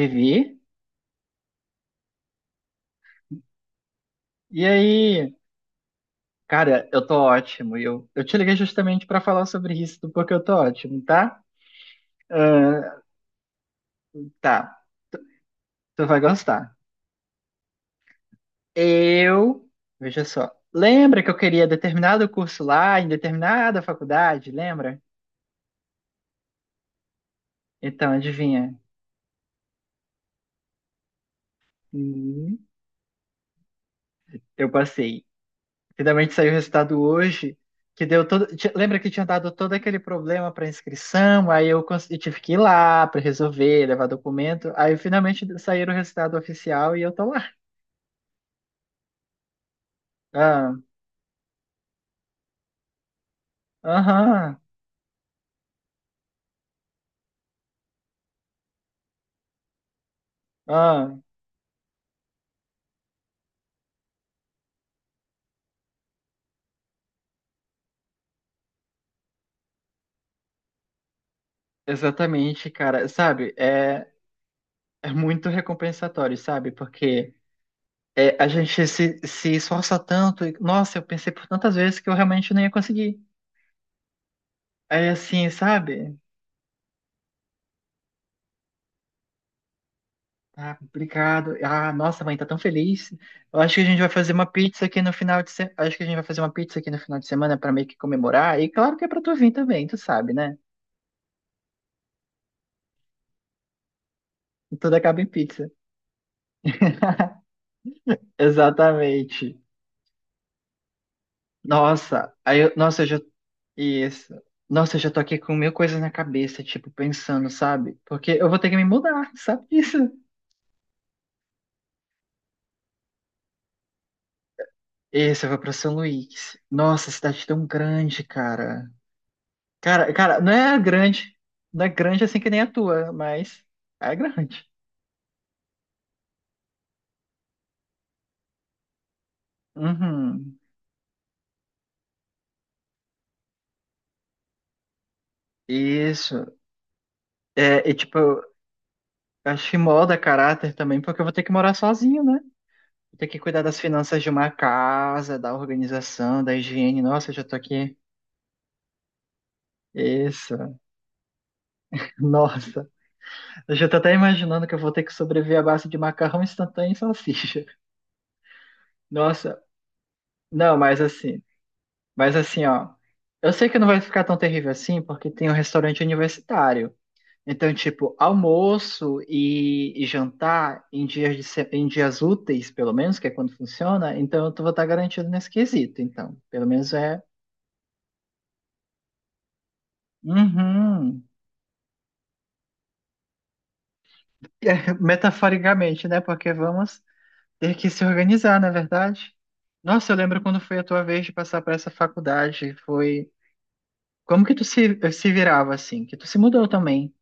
Vivi? E aí? Cara, eu tô ótimo. E eu te liguei justamente pra falar sobre isso, do porque eu tô ótimo, tá? Ah, tá, tu vai gostar. Eu, veja só, lembra que eu queria determinado curso lá, em determinada faculdade, lembra? Então, adivinha? Hum, eu passei. Finalmente saiu o resultado hoje, que deu todo. Lembra que tinha dado todo aquele problema para inscrição? Aí eu, eu tive que ir lá para resolver, levar documento. Aí finalmente saiu o resultado oficial e eu tô lá. Ah, aham, ah, exatamente, cara. Sabe, é, é muito recompensatório, sabe? Porque é, a gente se esforça tanto. E, nossa, eu pensei por tantas vezes que eu realmente não ia conseguir. Aí assim, sabe? Ah, complicado. Ah, nossa, mãe, tá tão feliz. Eu acho que a gente vai fazer uma pizza aqui no final de semana. Acho que a gente vai fazer uma pizza aqui no final de semana pra meio que comemorar. E claro que é pra tu vir também, tu sabe, né? Tudo acaba em pizza. Exatamente. Nossa, eu já. Isso. Nossa, eu já tô aqui com mil coisas na cabeça, tipo, pensando, sabe? Porque eu vou ter que me mudar, sabe disso? Isso, eu vou pra São Luís. Nossa, cidade tão grande, cara. Cara, não é grande. Não é grande assim que nem a tua, mas é grande. Uhum. Isso. É, e tipo, eu acho que molda caráter também, porque eu vou ter que morar sozinho, né? Vou ter que cuidar das finanças de uma casa, da organização, da higiene. Nossa, eu já tô aqui. Isso. Nossa. Eu já tô até imaginando que eu vou ter que sobreviver à base de macarrão instantâneo e salsicha. Nossa. Não, mas assim. Mas assim, ó. Eu sei que não vai ficar tão terrível assim, porque tem um restaurante universitário. Então, tipo, almoço e jantar em dias, de se- em dias úteis, pelo menos, que é quando funciona, então vou estar garantido nesse quesito, então. Pelo menos é. Uhum. É, metaforicamente, né? Porque vamos ter que se organizar, na verdade? Nossa, eu lembro quando foi a tua vez de passar por essa faculdade, foi. Como que tu se virava assim? Que tu se mudou também.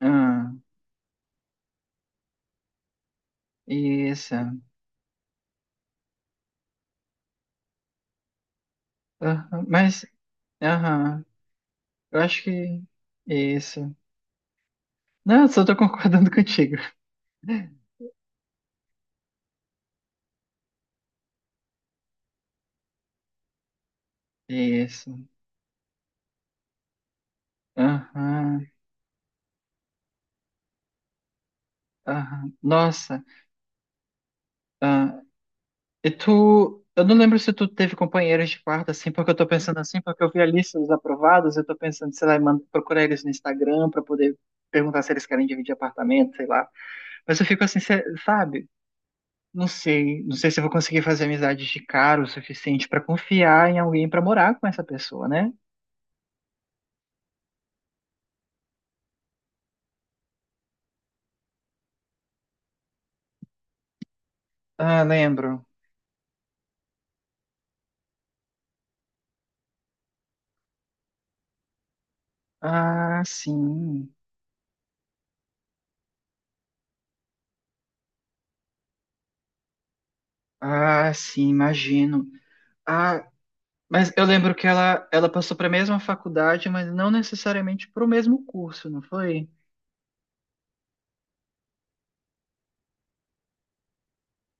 Ah, isso. Aham, mas, aham, eu acho que. Isso. Não, só tô concordando contigo. Isso. Aham, aham. Nossa, ah, e tu. Eu não lembro se tu teve companheiros de quarto, assim, porque eu tô pensando assim, porque eu vi a lista dos aprovados, eu tô pensando, sei lá, em procurar eles no Instagram pra poder perguntar se eles querem dividir apartamento, sei lá. Mas eu fico assim, sabe? Não sei, não sei se eu vou conseguir fazer amizades de cara o suficiente pra confiar em alguém pra morar com essa pessoa, né? Ah, lembro. Ah, sim. Ah, sim, imagino. Ah, mas eu lembro que ela passou para a mesma faculdade, mas não necessariamente para o mesmo curso, não foi?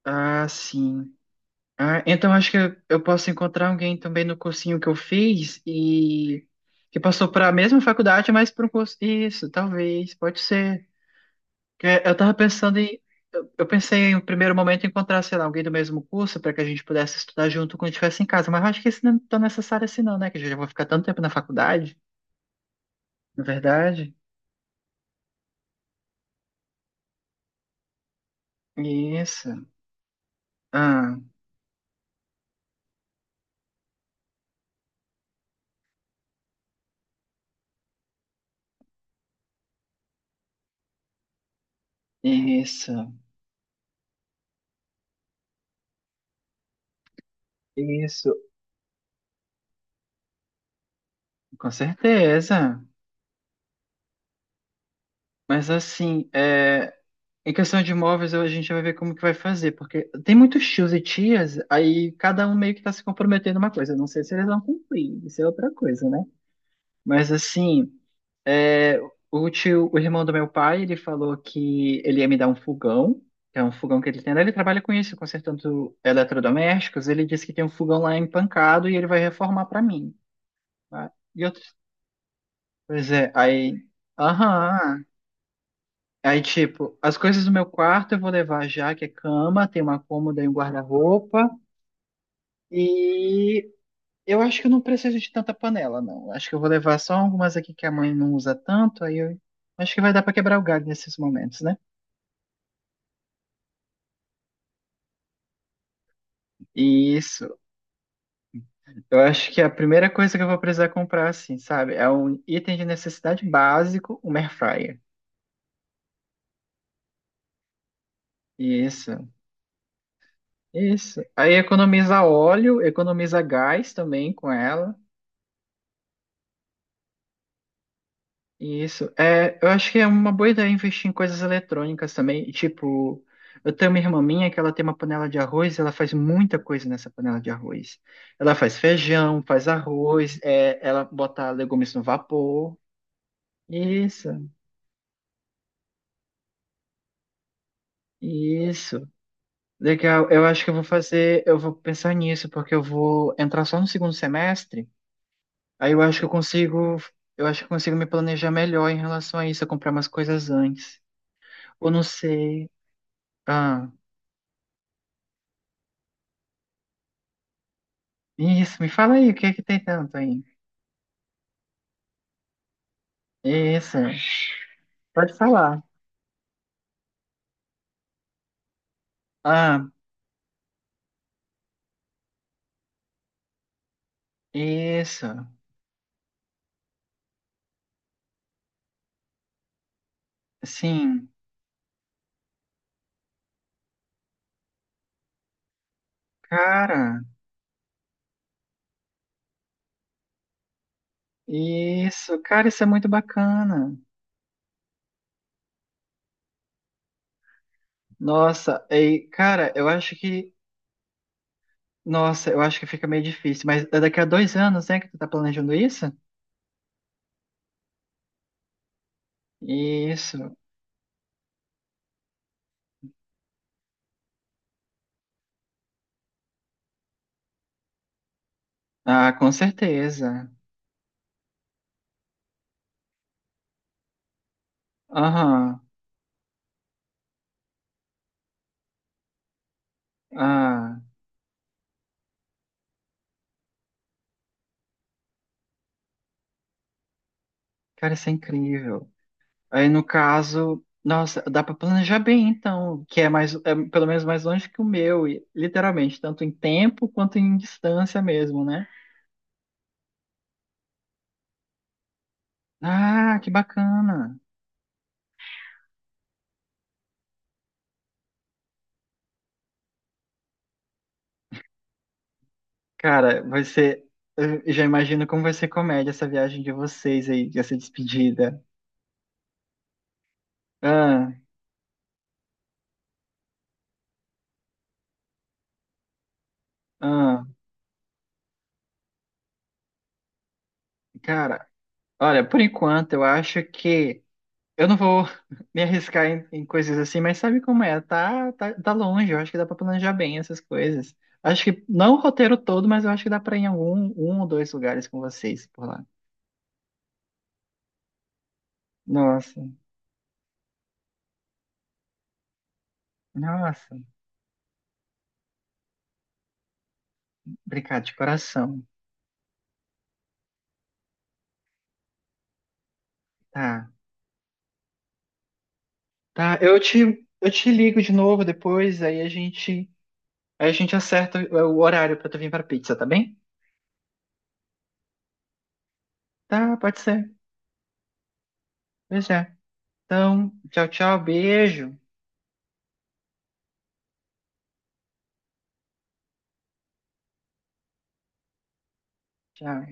Ah, sim. Ah, então acho que eu posso encontrar alguém também no cursinho que eu fiz e que passou para a mesma faculdade, mas para um curso. Isso, talvez, pode ser. Que eu tava pensando em. Eu pensei em um primeiro momento em encontrar, sei lá, alguém do mesmo curso para que a gente pudesse estudar junto quando estivesse em casa, mas eu acho que isso não é tão necessário assim, não, né? Que eu já vou ficar tanto tempo na faculdade, na verdade. Isso. Ah. Isso, isso, com certeza. Mas assim, é, em questão de imóveis, a gente vai ver como que vai fazer, porque tem muitos tios e tias, aí cada um meio que está se comprometendo uma coisa. Eu não sei se eles vão cumprir, isso é outra coisa, né? Mas assim, é, o tio, o irmão do meu pai, ele falou que ele ia me dar um fogão, que é um fogão que ele tem lá. Ele trabalha com isso, consertando eletrodomésticos. Ele disse que tem um fogão lá empancado e ele vai reformar para mim, tá? E outros. Pois é, aí. Aham. Aí, tipo, as coisas do meu quarto eu vou levar já, que é cama, tem uma cômoda e um guarda-roupa. E eu acho que eu não preciso de tanta panela, não. Acho que eu vou levar só algumas aqui que a mãe não usa tanto, aí eu acho que vai dar pra quebrar o galho nesses momentos, né? Isso. Eu acho que a primeira coisa que eu vou precisar comprar, assim, sabe? É um item de necessidade básico, um air fryer. Isso, isso. Aí economiza óleo, economiza gás também com ela. Isso. É, eu acho que é uma boa ideia investir em coisas eletrônicas também. Tipo, eu tenho uma irmã minha que ela tem uma panela de arroz, ela faz muita coisa nessa panela de arroz. Ela faz feijão, faz arroz, é, ela bota legumes no vapor. Isso, isso. Legal. Eu acho que eu vou fazer, eu vou pensar nisso, porque eu vou entrar só no segundo semestre. Aí eu acho que eu consigo, eu acho que eu consigo me planejar melhor em relação a isso, eu comprar umas coisas antes. Ou não sei. Ah. Isso, me fala aí, o que é que tem tanto aí? Isso, pode falar. Ah, isso, sim, cara, isso, cara, isso é muito bacana. Nossa, ei, cara, eu acho que, nossa, eu acho que fica meio difícil, mas é daqui a 2 anos, né, que tu tá planejando isso? Isso, ah, com certeza. Aham, ah, cara, isso é incrível. Aí no caso, nossa, dá para planejar bem então, que é mais, é pelo menos mais longe que o meu, e, literalmente, tanto em tempo quanto em distância mesmo, né? Ah, que bacana. Cara, vai ser, eu já imagino como vai ser comédia essa viagem de vocês aí, essa despedida. Ah, ah, cara, olha, por enquanto eu acho que eu não vou me arriscar em coisas assim, mas sabe como é? Tá, tá longe, eu acho que dá pra planejar bem essas coisas. Acho que não o roteiro todo, mas eu acho que dá pra ir em algum, um ou dois lugares com vocês por lá. Nossa, nossa, obrigado de coração. Tá, tá, eu te ligo de novo depois, aí a gente acerta o horário pra tu vir pra pizza, tá bem? Tá, pode ser. Pois é. Então, tchau, tchau, beijo. Tchau.